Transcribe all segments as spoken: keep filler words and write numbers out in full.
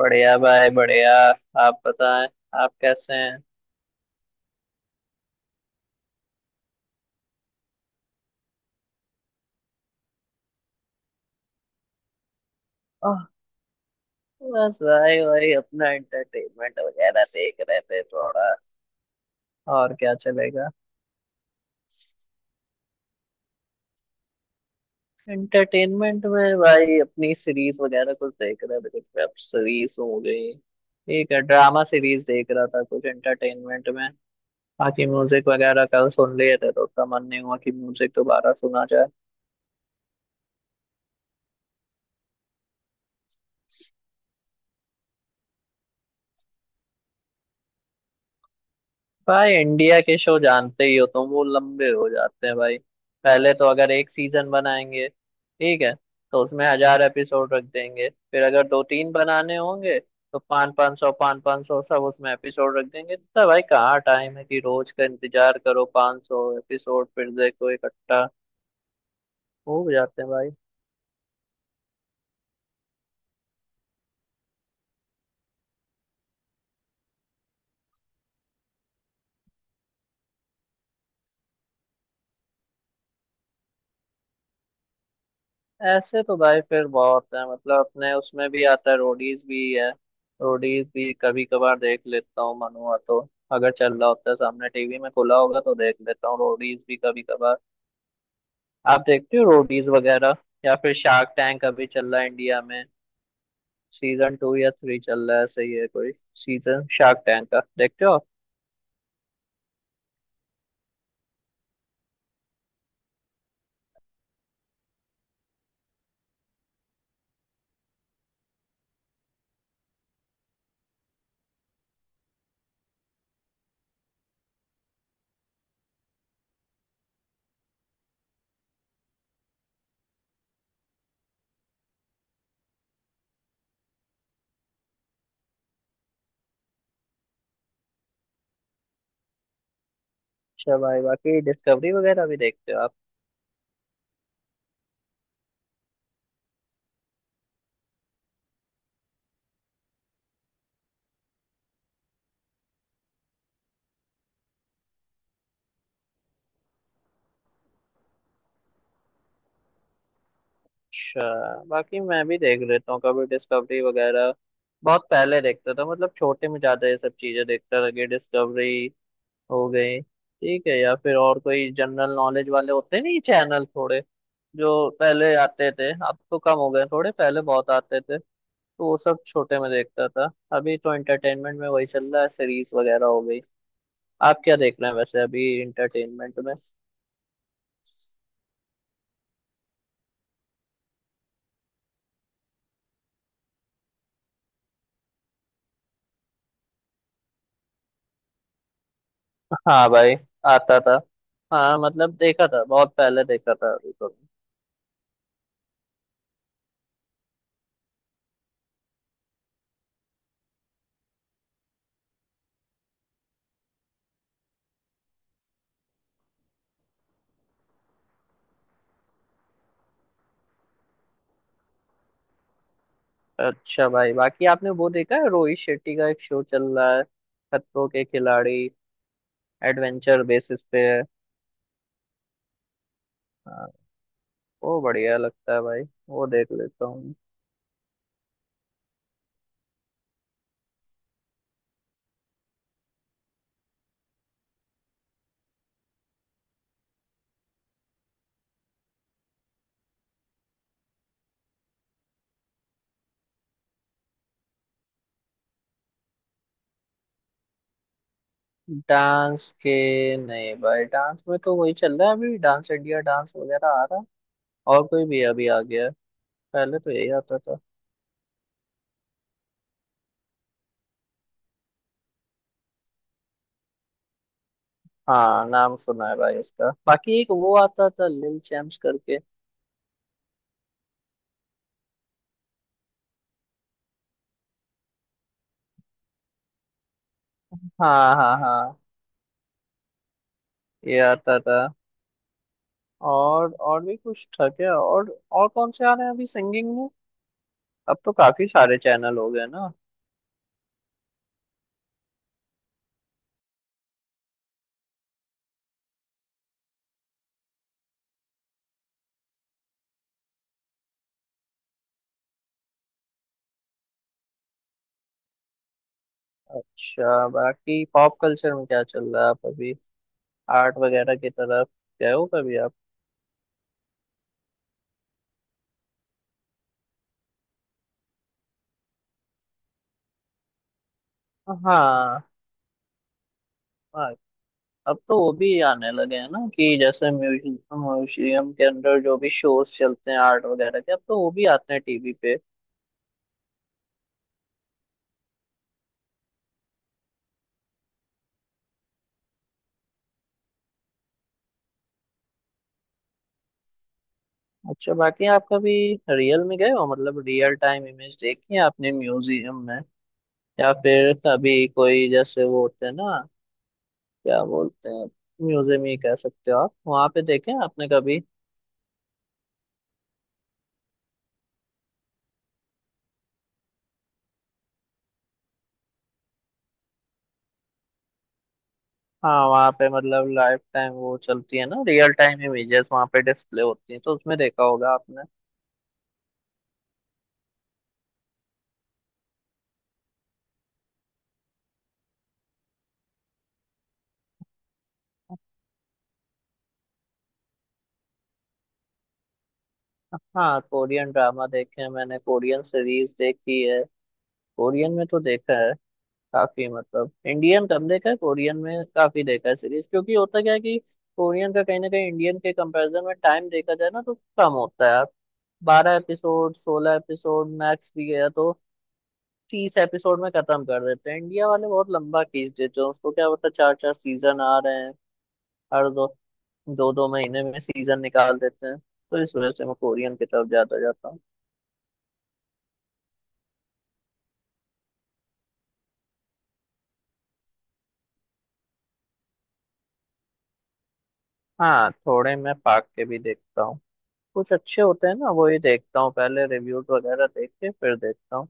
बढ़िया भाई बढ़िया। आप बताएं, आप कैसे हैं? ओह, बस भाई वही अपना एंटरटेनमेंट वगैरह देख रहे थे थोड़ा। और क्या चलेगा। एंटरटेनमेंट में भाई अपनी सीरीज वगैरह कुछ देख रहे थे, कुछ वेब सीरीज हो गई, ठीक है, ड्रामा सीरीज देख रहा था कुछ एंटरटेनमेंट में। बाकी म्यूजिक वगैरह कल सुन लिए थे तो उतना मन नहीं हुआ कि म्यूजिक दोबारा सुना जाए। भाई इंडिया के शो जानते ही हो तुम, वो लंबे हो जाते हैं भाई। पहले तो अगर एक सीजन बनाएंगे, ठीक है, तो उसमें हज़ार एपिसोड रख देंगे, फिर अगर दो तीन बनाने होंगे तो पाँच पाँच सौ पाँच पाँच सौ सब उसमें एपिसोड रख देंगे, तो भाई कहाँ टाइम है कि रोज का इंतजार करो, पाँच सौ एपिसोड फिर देखो इकट्ठा हो जाते हैं भाई। ऐसे तो भाई फिर बहुत है, मतलब अपने उसमें भी आता है, रोडीज भी है। रोडीज भी कभी कभार देख लेता हूँ, मन हुआ तो। अगर चल रहा होता है सामने, टीवी में खुला होगा तो देख लेता हूँ रोडीज भी कभी कभार। आप देखते हो रोडीज वगैरह? या फिर शार्क टैंक अभी चल रहा है इंडिया में, सीजन टू या थ्री चल रहा है, सही है? कोई सीजन शार्क टैंक का देखते हो आप? अच्छा भाई, बाकी डिस्कवरी वगैरह भी देखते हो आप? अच्छा। बाकी मैं भी देख लेता हूँ कभी डिस्कवरी वगैरह। बहुत पहले देखता था, मतलब छोटे में ज्यादा ये सब चीजें देखता था कि डिस्कवरी हो गई, ठीक है, या फिर और कोई जनरल नॉलेज वाले होते नहीं चैनल थोड़े, जो पहले आते थे अब तो कम हो गए थोड़े, पहले बहुत आते थे, तो वो सब छोटे में देखता था। अभी तो एंटरटेनमेंट में वही चल रहा है, सीरीज वगैरह हो गई। आप क्या देख रहे हैं वैसे अभी एंटरटेनमेंट में? हाँ भाई, आता था। हाँ मतलब देखा था, बहुत पहले देखा था, अभी तो। अच्छा भाई, बाकी आपने वो देखा है रोहित शेट्टी का एक शो चल रहा है, खतरों के खिलाड़ी, एडवेंचर बेसिस पे है। हाँ, वो बढ़िया लगता है भाई, वो देख लेता हूँ। डांस के नहीं भाई, डांस में तो वही चल रहा है अभी, डांस इंडिया डांस वगैरह आ रहा है और कोई भी अभी आ गया है। पहले तो यही आता था। हाँ नाम सुना है भाई उसका। बाकी एक वो आता था लिल चैम्प्स करके। हाँ हाँ हाँ, ये आता था। और और भी कुछ था क्या? और और कौन से आ रहे हैं अभी सिंगिंग में? अब तो काफी सारे चैनल हो गए ना। अच्छा, बाकी पॉप कल्चर में क्या चल रहा है आप अभी? आर्ट वगैरह की तरफ गए हो कभी आप? हाँ। हाँ, अब तो वो भी आने लगे हैं ना कि जैसे म्यूजियम, म्यूजियम के अंदर जो भी शोज चलते हैं आर्ट वगैरह के, अब तो वो भी आते हैं टीवी पे। अच्छा, बाकी आप कभी रियल में गए हो, मतलब रियल टाइम इमेज देखी है आपने म्यूजियम में? या फिर कभी कोई जैसे वो होते हैं ना, क्या बोलते हैं, म्यूजियम ही कह सकते हो आप, वहाँ पे देखे हैं आपने कभी? हाँ वहाँ पे मतलब लाइफ टाइम वो चलती है ना, रियल टाइम इमेजेस वहाँ पे डिस्प्ले होती हैं, तो उसमें देखा होगा आपने। हाँ कोरियन ड्रामा देखे हैं मैंने, कोरियन सीरीज देखी है, कोरियन में तो देखा है काफी, मतलब इंडियन कम देखा है, कोरियन में काफी देखा है सीरीज, क्योंकि होता क्या है कि कोरियन का कहीं ना कहीं इंडियन के कंपैरिजन में टाइम देखा जाए ना तो कम होता है। बारह एपिसोड, सोलह एपिसोड मैक्स भी गया तो तीस एपिसोड में खत्म कर देते हैं, इंडिया वाले बहुत लंबा खींच देते हैं उसको, क्या होता है, चार चार सीजन आ रहे हैं, हर दो दो दो महीने में सीजन निकाल देते हैं, तो इस वजह से मैं कोरियन की तरफ ज्यादा जाता हूँ। हाँ थोड़े मैं पाक के भी देखता हूँ, कुछ अच्छे होते हैं ना वो ही देखता हूँ, पहले रिव्यूज वगैरह देख के फिर देखता हूँ।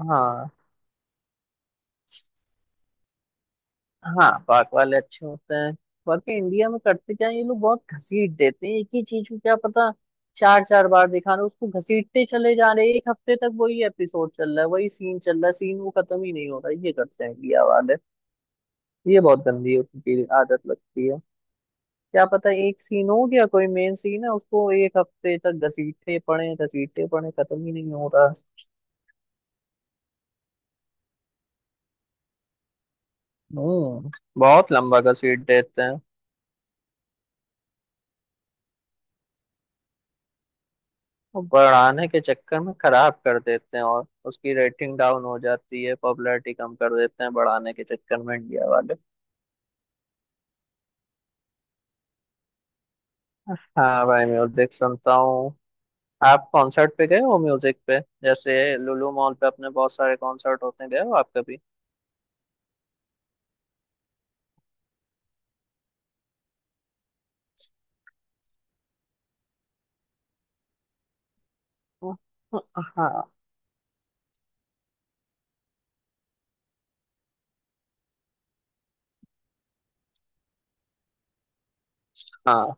हाँ। हाँ पाक वाले अच्छे होते हैं, बाकी इंडिया में करते क्या है, ये लोग बहुत घसीट देते हैं एक ही चीज को, क्या पता चार चार बार दिखा रहे हैं, उसको घसीटते चले जा रहे हैं, एक हफ्ते तक वही एपिसोड चल रहा है, वही सीन चल रहा है, सीन वो खत्म ही नहीं हो रहा, ये करते हैं इंडिया वाले, ये बहुत गंदी उनकी आदत लगती है। क्या पता एक सीन हो गया कोई मेन सीन है, उसको एक हफ्ते तक घसीटते पड़े, घसीटते पड़े, खत्म ही नहीं हो रहा। हम्म, बहुत लंबा घसीट देते हैं, और बढ़ाने के चक्कर में खराब कर देते हैं, और उसकी रेटिंग डाउन हो जाती है, पॉपुलैरिटी कम कर देते हैं बढ़ाने के चक्कर में इंडिया वाले। हाँ भाई म्यूजिक सुनता हूँ। आप कॉन्सर्ट पे गए हो म्यूजिक पे, जैसे लुलु मॉल पे अपने बहुत सारे कॉन्सर्ट होते हैं, गए हो आप कभी? हाँ। हाँ।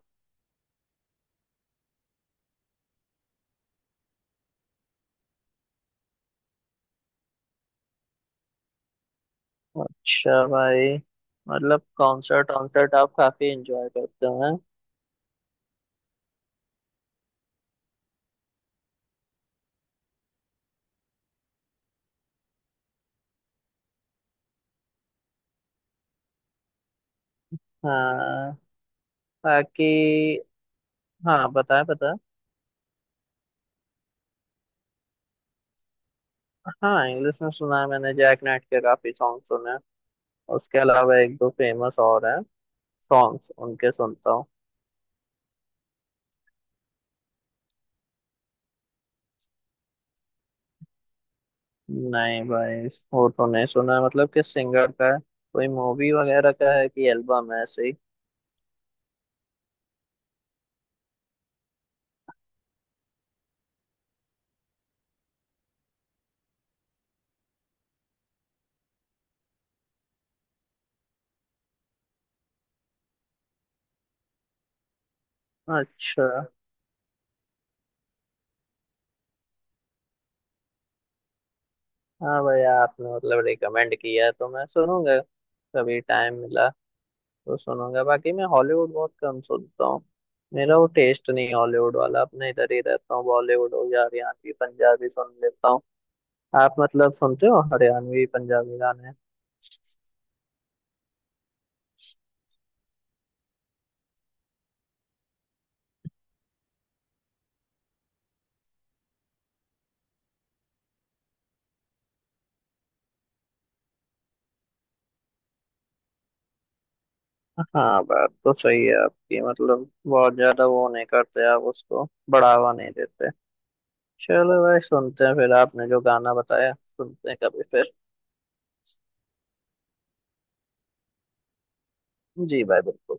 अच्छा भाई, मतलब कॉन्सर्ट कॉन्सर्ट आप काफी एंजॉय करते हो हैं। हाँ बाकी। हाँ बताए बताए। हाँ इंग्लिश में सुना है, मैंने जैक नाइट के काफी सॉन्ग सुने हैं, उसके अलावा एक दो फेमस और हैं सॉन्ग्स, उनके सुनता हूँ। नहीं भाई, वो तो नहीं सुना है। मतलब किस सिंगर का है, कोई मूवी वगैरह का है कि एल्बम है ऐसे ही? अच्छा। हाँ भाई आपने मतलब रिकमेंड किया है तो मैं सुनूंगा, कभी टाइम मिला तो सुनूंगा। बाकी मैं हॉलीवुड बहुत कम सुनता हूँ, मेरा वो टेस्ट नहीं है हॉलीवुड वाला, अपने इधर ही रहता हूँ, बॉलीवुड हो या हरियाणवी पंजाबी सुन लेता हूँ। आप मतलब सुनते हो हरियाणवी पंजाबी गाने? हाँ बात तो सही है आपकी, मतलब बहुत ज्यादा वो नहीं करते आप, उसको बढ़ावा नहीं देते। चलो भाई, सुनते हैं फिर आपने जो गाना बताया, सुनते हैं कभी फिर। जी भाई बिल्कुल।